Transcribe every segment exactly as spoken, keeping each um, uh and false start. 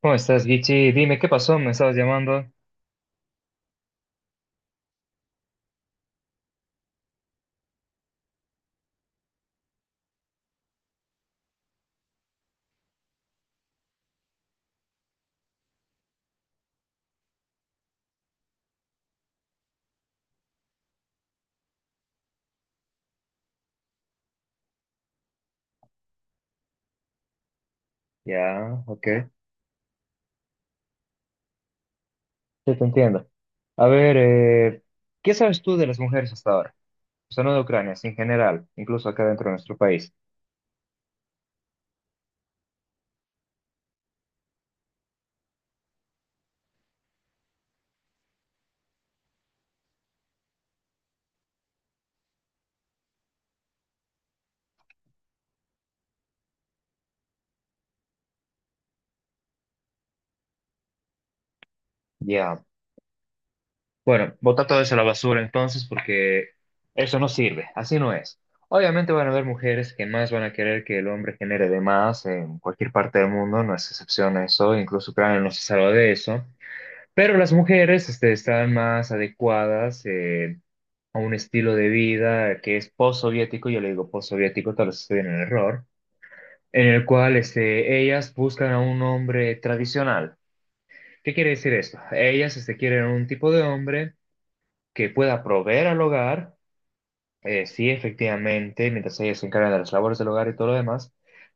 ¿Cómo estás, Gichi? Dime, ¿qué pasó? ¿Me estabas llamando? Ya, ok. Sí, te entiendo. A ver, eh, ¿qué sabes tú de las mujeres hasta ahora? O sea, no de Ucrania, sino en general, incluso acá dentro de nuestro país. Ya. Bueno, bota todo eso a la basura entonces, porque eso no sirve, así no es. Obviamente van a haber mujeres que más van a querer que el hombre genere de más en cualquier parte del mundo, no es excepción a eso, incluso Ucrania no se salva de eso. Pero las mujeres, este, están más adecuadas, eh, a un estilo de vida que es postsoviético, yo le digo postsoviético, tal vez estoy en el error, en el cual este, ellas buscan a un hombre tradicional. ¿Qué quiere decir esto? Ellas este, quieren un tipo de hombre que pueda proveer al hogar. Eh, sí, efectivamente, mientras ellos se encargan de las labores del hogar y todo lo demás,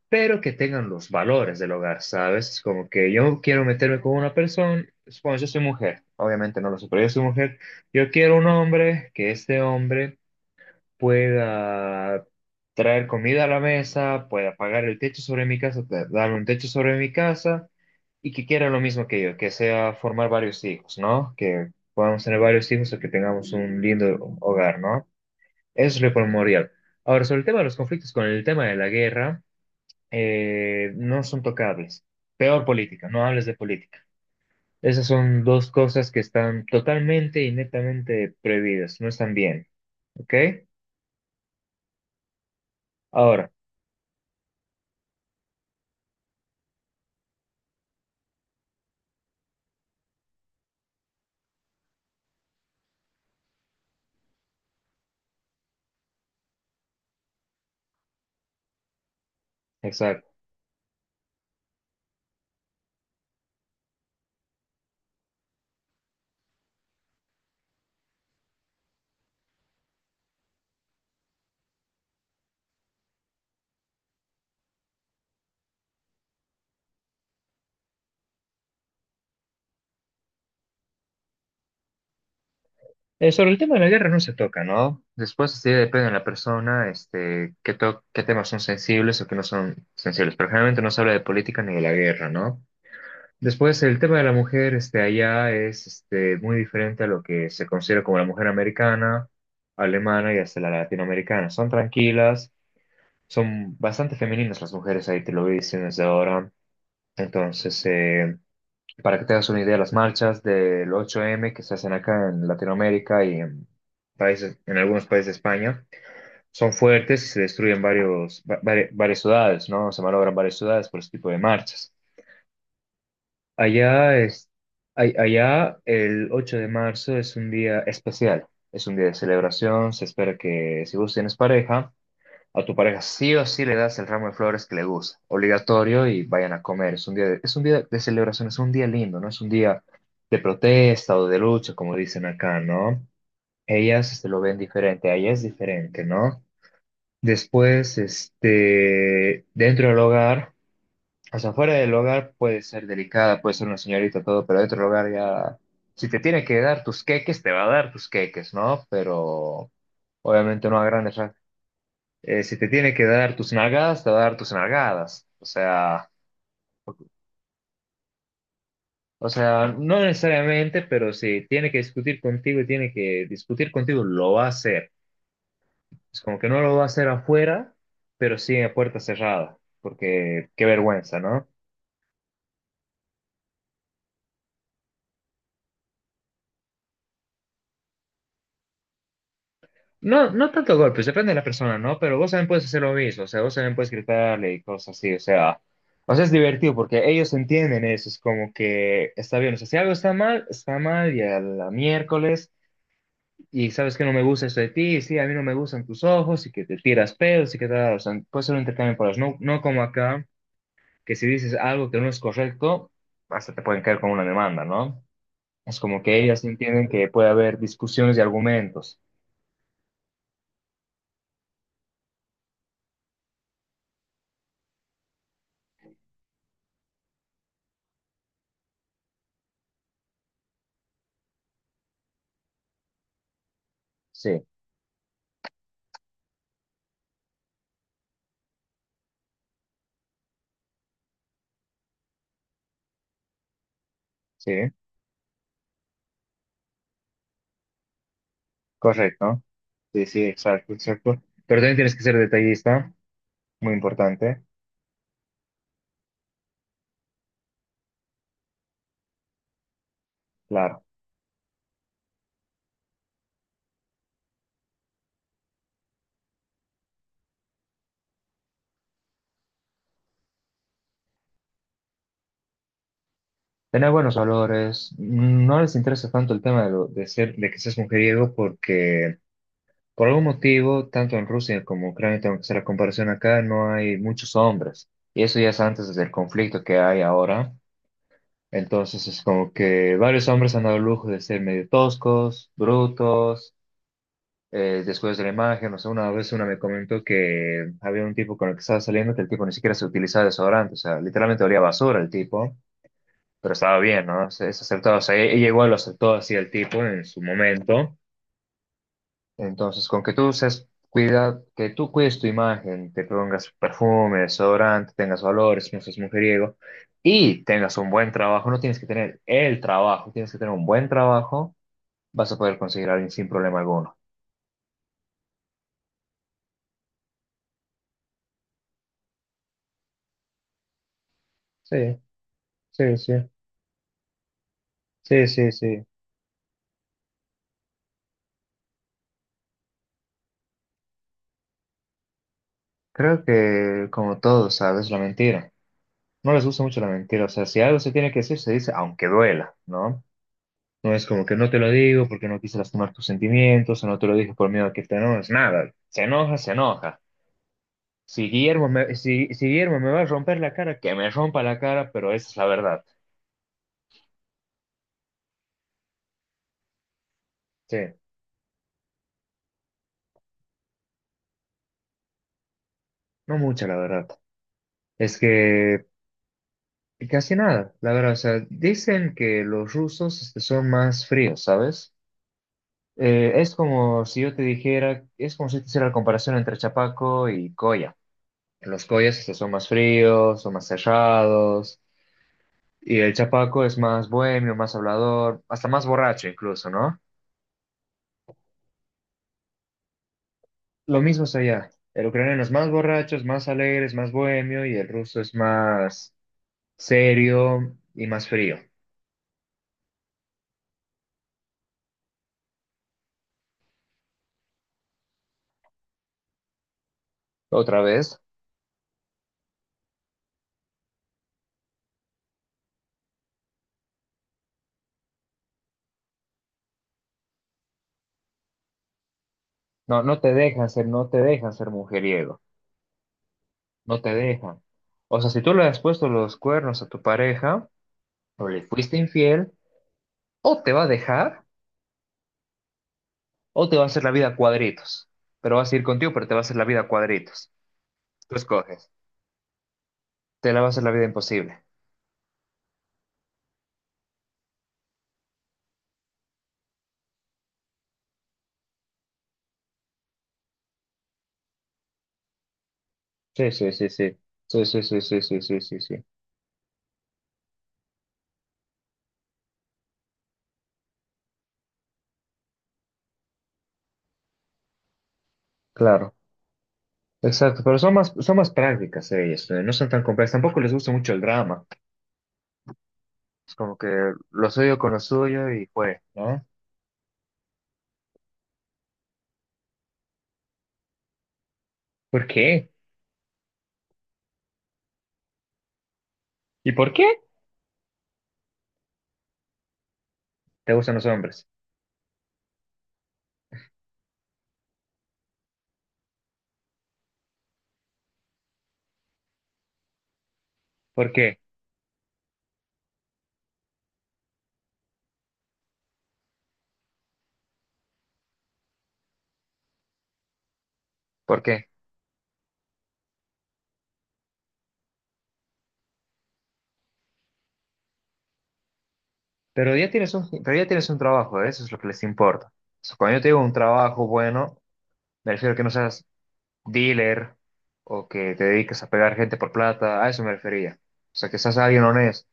pero que tengan los valores del hogar, ¿sabes? Es como que yo quiero meterme con una persona, supongo. Yo soy mujer, obviamente no lo sé, pero yo soy mujer, yo quiero un hombre, que este hombre pueda traer comida a la mesa, pueda pagar el techo sobre mi casa, da- darme un techo sobre mi casa, y que quiera lo mismo que yo, que sea formar varios hijos, ¿no? Que podamos tener varios hijos o que tengamos un lindo hogar, ¿no? Es re Ahora, sobre el tema de los conflictos con el tema de la guerra, eh, no son tocables. Peor política, no hables de política. Esas son dos cosas que están totalmente y netamente prohibidas, no están bien, ¿ok? Ahora, exacto. Eh, sobre el tema de la guerra no se toca, ¿no? Después sí depende de la persona, este, qué, to- qué temas son sensibles o qué no son sensibles, pero generalmente no se habla de política ni de la guerra, ¿no? Después, el tema de la mujer este, allá es este, muy diferente a lo que se considera como la mujer americana, alemana y hasta la latinoamericana. Son tranquilas, son bastante femeninas las mujeres ahí, te lo voy diciendo desde ahora. Entonces, eh, para que te hagas una idea, las marchas del ocho eme que se hacen acá en Latinoamérica y en países, en algunos países de España, son fuertes y se destruyen varios, va- vari- varias ciudades, ¿no? Se malogran varias ciudades por este tipo de marchas. Allá es, ay- Allá el ocho de marzo es un día especial, es un día de celebración, se espera que si vos tienes pareja, a tu pareja sí o sí le das el ramo de flores que le gusta, obligatorio, y vayan a comer. Es un día de, es un día de celebración, es un día lindo, no es un día de protesta o de lucha como dicen acá, ¿no? Ellas este, lo ven diferente, a ella es diferente, ¿no? Después, este, dentro del hogar. O sea, fuera del hogar puede ser delicada, puede ser una señorita, todo, pero dentro del hogar ya, si te tiene que dar tus queques, te va a dar tus queques, ¿no? Pero obviamente no a grandes ra- eh, si te tiene que dar tus nalgadas, te va a dar tus nalgadas. O sea, o sea, no necesariamente, pero si tiene que discutir contigo y tiene que discutir contigo, lo va a hacer. Es como que no lo va a hacer afuera, pero sí a puerta cerrada, porque qué vergüenza, ¿no? No, no tanto golpes, depende de la persona, ¿no? Pero vos también puedes hacer lo mismo, o sea, vos también puedes gritarle y cosas así, o sea, o sea, es divertido porque ellos entienden eso, es como que está bien, o sea, si algo está mal, está mal y a la miércoles, y sabes que no me gusta esto de ti, y sí, a mí no me gustan tus ojos, y que te tiras pedos, y que tal, o sea, puede ser un intercambio por las, no, no como acá, que si dices algo que no es correcto, hasta te pueden caer con una demanda, ¿no? Es como que ellas entienden que puede haber discusiones y argumentos, sí, sí. Correcto. Sí, sí, exacto, exacto. Pero también tienes que ser detallista, muy importante, claro. Tener buenos valores. Mm, No les interesa tanto el tema de, lo- de ser, de que seas mujeriego, porque por algún motivo, tanto en Rusia como Ucrania, tengo que hacer la comparación acá, no hay muchos hombres. Y eso ya es antes del conflicto que hay ahora. Entonces es como que varios hombres han dado el lujo de ser medio toscos, brutos. eh, después de la imagen, o sea, una vez una me comentó que había un tipo con el que estaba saliendo que el tipo ni siquiera se utilizaba desodorante, o sea, literalmente olía a basura el tipo, pero estaba bien, ¿no? Se, se aceptaba, o sea, e- ella igual lo aceptó así el tipo en su momento. Entonces, con que tú seas, cuida, que tú cuides tu imagen, te pongas perfume, desodorante, tengas valores, no seas mujeriego y tengas un buen trabajo, no tienes que tener el trabajo, tienes que tener un buen trabajo, vas a poder conseguir a alguien sin problema alguno. Sí, sí, sí. Sí, sí, sí. Creo que como todos, ¿sabes? La mentira. No les gusta mucho la mentira. O sea, si algo se tiene que decir, se dice, aunque duela, ¿no? No es como que no te lo digo porque no quise lastimar tus sentimientos, o no te lo dije por miedo a que te enojes, nada. Se enoja, se enoja. Si Guillermo me, si, si Guillermo me va a romper la cara, que me rompa la cara, pero esa es la verdad. Sí, no mucha la verdad. Es que casi nada, la verdad. O sea, dicen que los rusos este, son más fríos, ¿sabes? Eh, es como si yo te dijera, es como si te hiciera la comparación entre Chapaco y Coya. Los Coyas este, son más fríos, son más cerrados, y el Chapaco es más bohemio, más hablador, hasta más borracho incluso, ¿no? Lo mismo es allá. El ucraniano es más borracho, es más alegre, es más bohemio, y el ruso es más serio y más frío. Otra vez, no, no te dejan ser, no te dejan ser mujeriego, no te dejan. O sea, si tú le has puesto los cuernos a tu pareja, o le fuiste infiel, o te va a dejar o te va a hacer la vida a cuadritos. Pero va a seguir contigo, pero te va a hacer la vida a cuadritos. Tú escoges. Te la va a hacer la vida imposible. Sí, sí, sí, sí. Sí, sí, sí, sí, sí, sí, sí, sí. Claro. Exacto, pero son más, son más prácticas ellas, eh, no son tan complejas, tampoco les gusta mucho el drama, es como que lo suyo con lo suyo y fue, ¿no? ¿Por qué? ¿Y por qué te gustan los hombres? ¿Por qué? ¿Por qué? Pero ya tienes un, pero ya tienes un trabajo, ¿eh? Eso es lo que les importa. So, cuando yo te digo un trabajo bueno, me refiero a que no seas dealer o que te dediques a pegar gente por plata, a eso me refería. O sea, que seas alguien honesto.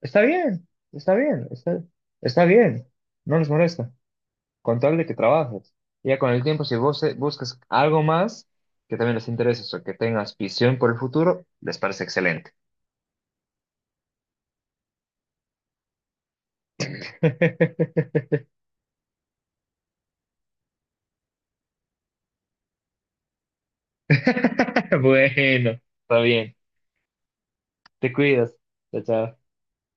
Está bien, está bien, está, está bien, no les molesta, con tal de que trabajes. Y ya con el tiempo, si vos eh, buscas algo más que también les interese o que tengas visión por el futuro, les parece excelente. Bueno, está bien, te cuidas, chao. Chao.